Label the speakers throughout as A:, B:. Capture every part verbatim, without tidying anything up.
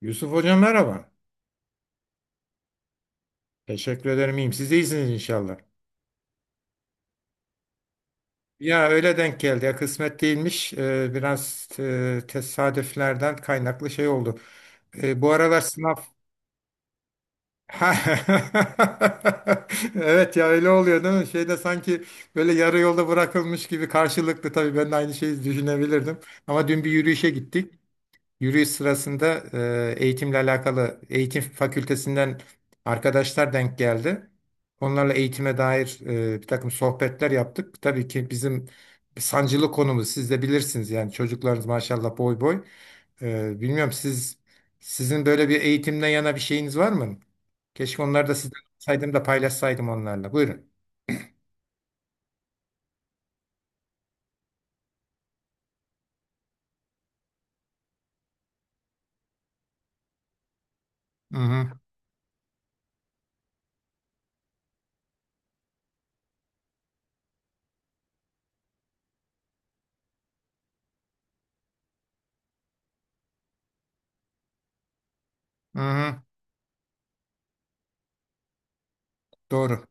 A: Yusuf Hocam merhaba. Teşekkür ederim iyiyim. Siz de iyisiniz inşallah. Ya öyle denk geldi. Ya kısmet değilmiş. Ee, biraz e, tesadüflerden kaynaklı şey oldu. Ee, bu aralar sınav... Ha. Evet ya öyle oluyor değil mi? Şeyde sanki böyle yarı yolda bırakılmış gibi karşılıklı tabii ben de aynı şeyi düşünebilirdim. Ama dün bir yürüyüşe gittik. Yürüyüş sırasında e, eğitimle alakalı eğitim fakültesinden arkadaşlar denk geldi. Onlarla eğitime dair e, bir takım sohbetler yaptık. Tabii ki bizim sancılı konumuz siz de bilirsiniz yani çocuklarınız maşallah boy boy. E, bilmiyorum siz sizin böyle bir eğitimden yana bir şeyiniz var mı? Keşke onları da sizden saydım da paylaşsaydım onlarla. Buyurun. Hı hı. Hı hı. Doğru.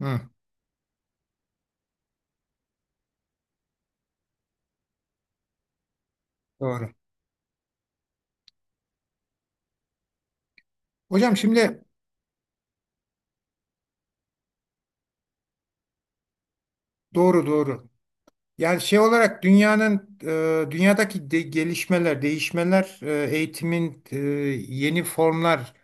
A: Hı, doğru. Hocam şimdi doğru, doğru. Yani şey olarak dünyanın e, dünyadaki de- gelişmeler, değişmeler, e, eğitimin e, yeni formlar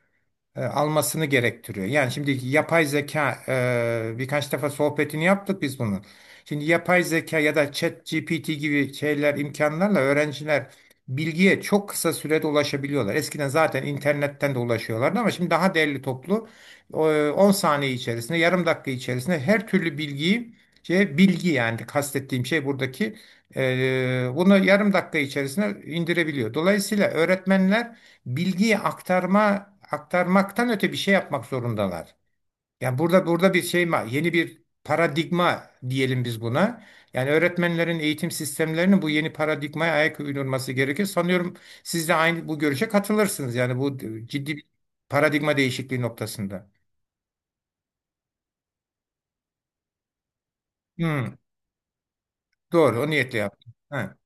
A: e, almasını gerektiriyor. Yani şimdi yapay zeka e, birkaç defa sohbetini yaptık biz bunun. Şimdi yapay zeka ya da chat G P T gibi şeyler imkanlarla öğrenciler bilgiye çok kısa sürede ulaşabiliyorlar. Eskiden zaten internetten de ulaşıyorlardı ama şimdi daha değerli toplu e, on saniye içerisinde, yarım dakika içerisinde her türlü bilgiyi şey, bilgi yani kastettiğim şey buradaki e, bunu yarım dakika içerisinde indirebiliyor. Dolayısıyla öğretmenler bilgiyi aktarma aktarmaktan öte bir şey yapmak zorundalar. Yani burada burada bir şey ma- yeni bir paradigma diyelim biz buna. Yani öğretmenlerin eğitim sistemlerinin bu yeni paradigmaya ayak uydurması gerekir. Sanıyorum siz de aynı bu görüşe katılırsınız. Yani bu ciddi bir paradigma değişikliği noktasında. Hmm, doğru, o niyetle yaptım. Ha,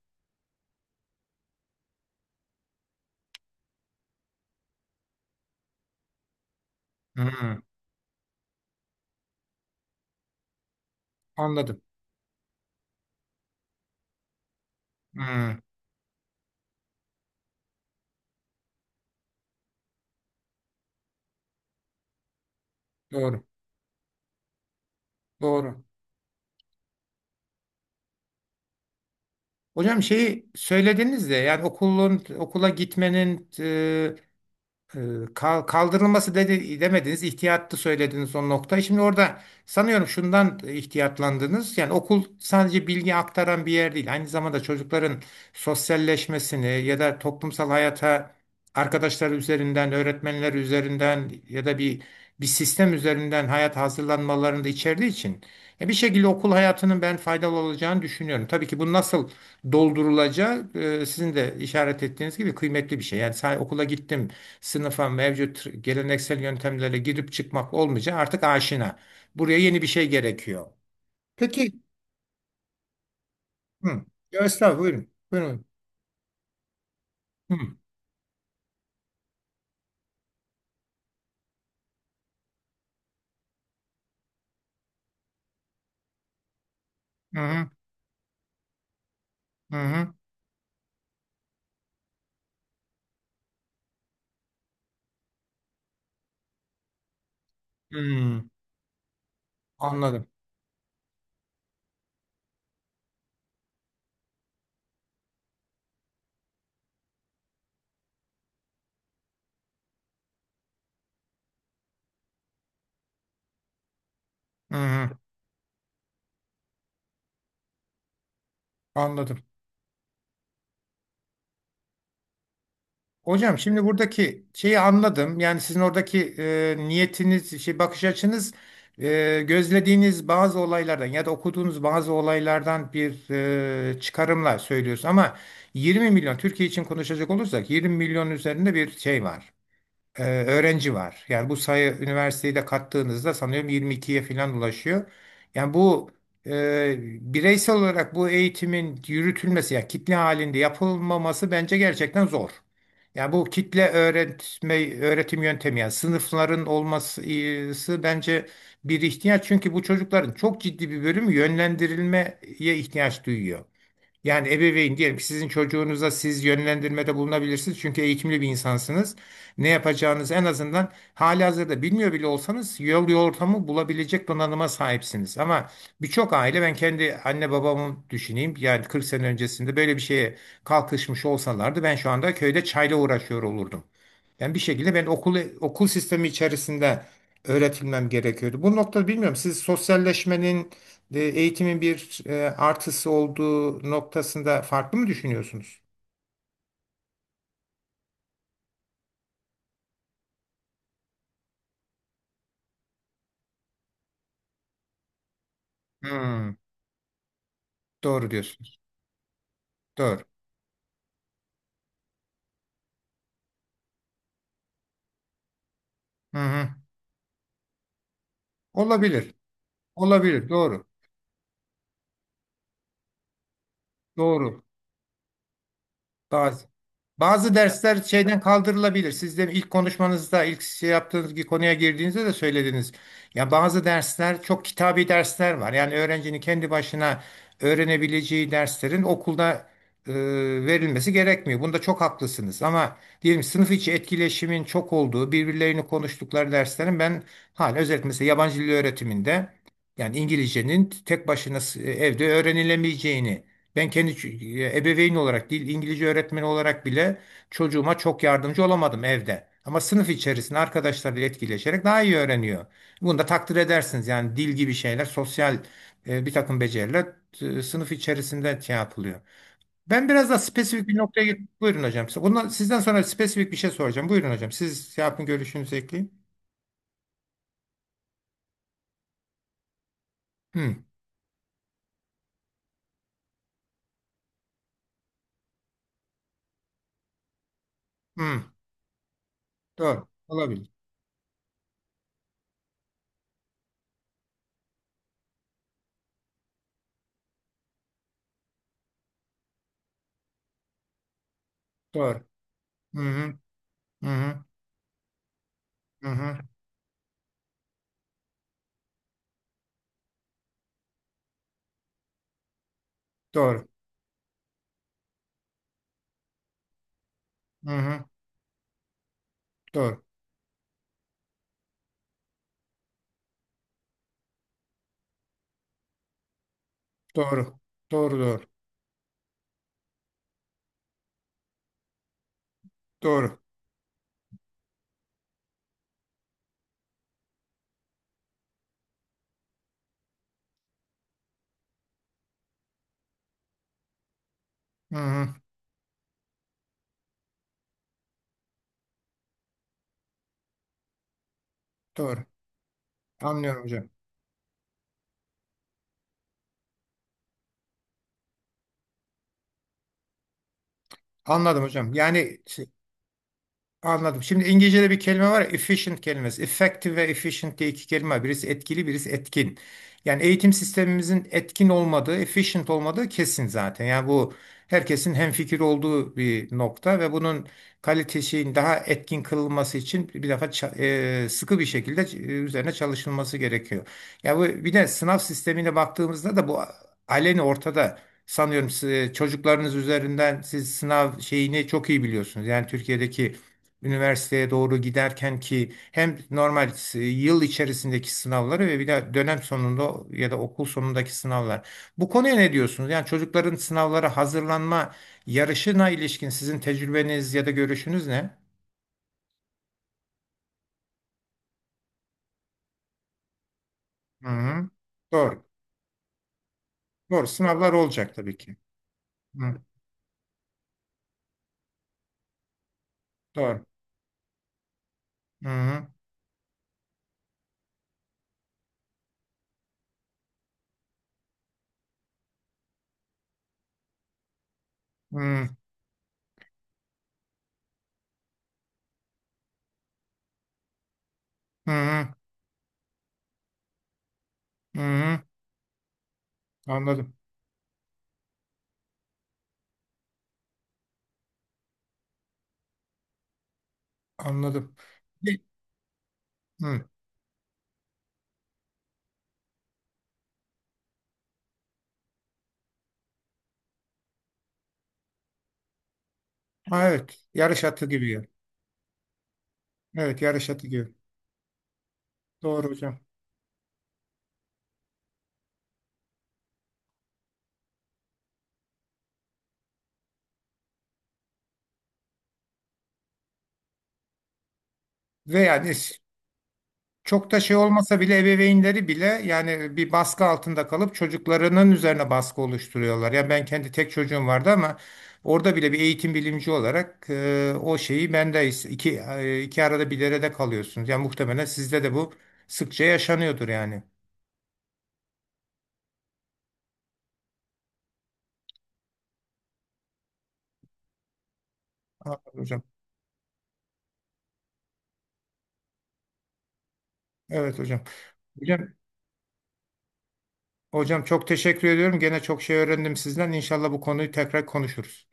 A: hmm, anladım. Hmm, doğru, doğru. Hocam şeyi söylediniz de yani okulun okula gitmenin Ee, kal- kaldırılması dedi, demediniz, ihtiyatlı söylediniz o noktayı. Şimdi orada sanıyorum şundan ihtiyatlandınız. Yani okul sadece bilgi aktaran bir yer değil. Aynı zamanda çocukların sosyalleşmesini ya da toplumsal hayata arkadaşları üzerinden, öğretmenler üzerinden ya da bir bir sistem üzerinden hayat hazırlanmalarını da içerdiği için e, bir şekilde okul hayatının ben faydalı olacağını düşünüyorum. Tabii ki bu nasıl doldurulacağı e, sizin de işaret ettiğiniz gibi kıymetli bir şey. Yani sadece okula gittim sınıfa mevcut geleneksel yöntemlerle girip çıkmak olmayacak artık aşina. Buraya yeni bir şey gerekiyor. Peki, hı. Ya estağfurullah, buyurun. Buyurun. Hı. Hı hı. Hı hı. Hı. Anladım. Hı hı. Anladım. Hocam şimdi buradaki şeyi anladım. Yani sizin oradaki e, niyetiniz, şey bakış açınız e, gözlediğiniz bazı olaylardan ya da okuduğunuz bazı olaylardan bir e, çıkarımla söylüyorsunuz. Ama yirmi milyon Türkiye için konuşacak olursak yirmi milyon üzerinde bir şey var e, öğrenci var. Yani bu sayı üniversiteyi de kattığınızda sanıyorum yirmi ikiye falan ulaşıyor. Yani bu e, bireysel olarak bu eğitimin yürütülmesi, yani kitle halinde yapılmaması bence gerçekten zor. Yani bu kitle öğretme öğretim yöntemi yani sınıfların olması bence bir ihtiyaç çünkü bu çocukların çok ciddi bir bölümü yönlendirilmeye ihtiyaç duyuyor. Yani ebeveyn diyelim ki sizin çocuğunuza siz yönlendirmede bulunabilirsiniz. Çünkü eğitimli bir insansınız. Ne yapacağınızı en azından halihazırda bilmiyor bile olsanız yol ortamı bulabilecek donanıma sahipsiniz. Ama birçok aile ben kendi anne babamı düşüneyim. Yani kırk sene öncesinde böyle bir şeye kalkışmış olsalardı ben şu anda köyde çayla uğraşıyor olurdum. Yani bir şekilde ben okul okul sistemi içerisinde öğretilmem gerekiyordu. Bu noktada bilmiyorum siz sosyalleşmenin e, eğitimin bir e, artısı olduğu noktasında farklı mı düşünüyorsunuz? Hmm, doğru diyorsunuz. Doğru. Hı hı. Olabilir. Olabilir. Doğru. Doğru. Bazı. Bazı dersler şeyden kaldırılabilir. Siz de ilk konuşmanızda, ilk şey yaptığınız bir konuya girdiğinizde de söylediniz. Ya bazı dersler çok kitabi dersler var. Yani öğrencinin kendi başına öğrenebileceği derslerin okulda e, verilmesi gerekmiyor. Bunda çok haklısınız. Ama diyelim sınıf içi etkileşimin çok olduğu, birbirlerini konuştukları derslerin ben hala özellikle mesela yabancı dil öğretiminde yani İngilizcenin tek başına s- evde öğrenilemeyeceğini ben kendi ç- e, ebeveyn olarak değil, İngilizce öğretmeni olarak bile çocuğuma çok yardımcı olamadım evde. Ama sınıf içerisinde arkadaşlarıyla etkileşerek daha iyi öğreniyor. Bunu da takdir edersiniz. Yani dil gibi şeyler, sosyal e, bir takım beceriler e, sınıf içerisinde şey yapılıyor. Ben biraz daha spesifik bir noktaya git. Buyurun hocam. Ondan, sizden sonra spesifik bir şey soracağım. Buyurun hocam. Siz şey yapın görüşünüzü ekleyin. Hı, hı, doğru. Olabilir. Doğru. Hı hı, hı hı, hı hı, doğru. Hı hı, doğru. Doğru. Doğru, doğru. Doğru. Hı hı, doğru. Anlıyorum hocam. Anladım hocam. Yani anladım. Şimdi İngilizce'de bir kelime var ya, efficient kelimesi. Effective ve efficient diye iki kelime var. Birisi etkili, birisi etkin. Yani eğitim sistemimizin etkin olmadığı, efficient olmadığı kesin zaten. Yani bu herkesin hemfikir olduğu bir nokta ve bunun kalitesinin daha etkin kılınması için bir defa ça- e, sıkı bir şekilde e, üzerine çalışılması gerekiyor. Ya bu bir de sınav sistemine baktığımızda da bu aleni ortada. Sanıyorum siz, e, çocuklarınız üzerinden siz sınav şeyini çok iyi biliyorsunuz. Yani Türkiye'deki üniversiteye doğru giderken ki hem normal s- yıl içerisindeki sınavları ve bir de dönem sonunda ya da okul sonundaki sınavlar. Bu konuya ne diyorsunuz? Yani çocukların sınavlara hazırlanma yarışına ilişkin sizin tecrübeniz ya da görüşünüz ne? Hı hı. Doğru. Doğru. Sınavlar olacak tabii ki. Hı. Doğru. Hı hı. Hı hı. Hı hı. Anladım. Anladım. Bir- Hı. Ha, evet. Yarış atı gibi. Evet, yarış atı gibi. Doğru hocam. Ve yani çok da şey olmasa bile ebeveynleri bile yani bir baskı altında kalıp çocuklarının üzerine baskı oluşturuyorlar. Yani ben kendi tek çocuğum vardı ama orada bile bir eğitim bilimci olarak e, o şeyi ben de his- iki, e, iki arada bir derede kalıyorsunuz. Yani muhtemelen sizde de bu sıkça yaşanıyordur yani. Anladım hocam. Evet hocam. Hocam, hocam çok teşekkür ediyorum. Gene çok şey öğrendim sizden. İnşallah bu konuyu tekrar konuşuruz.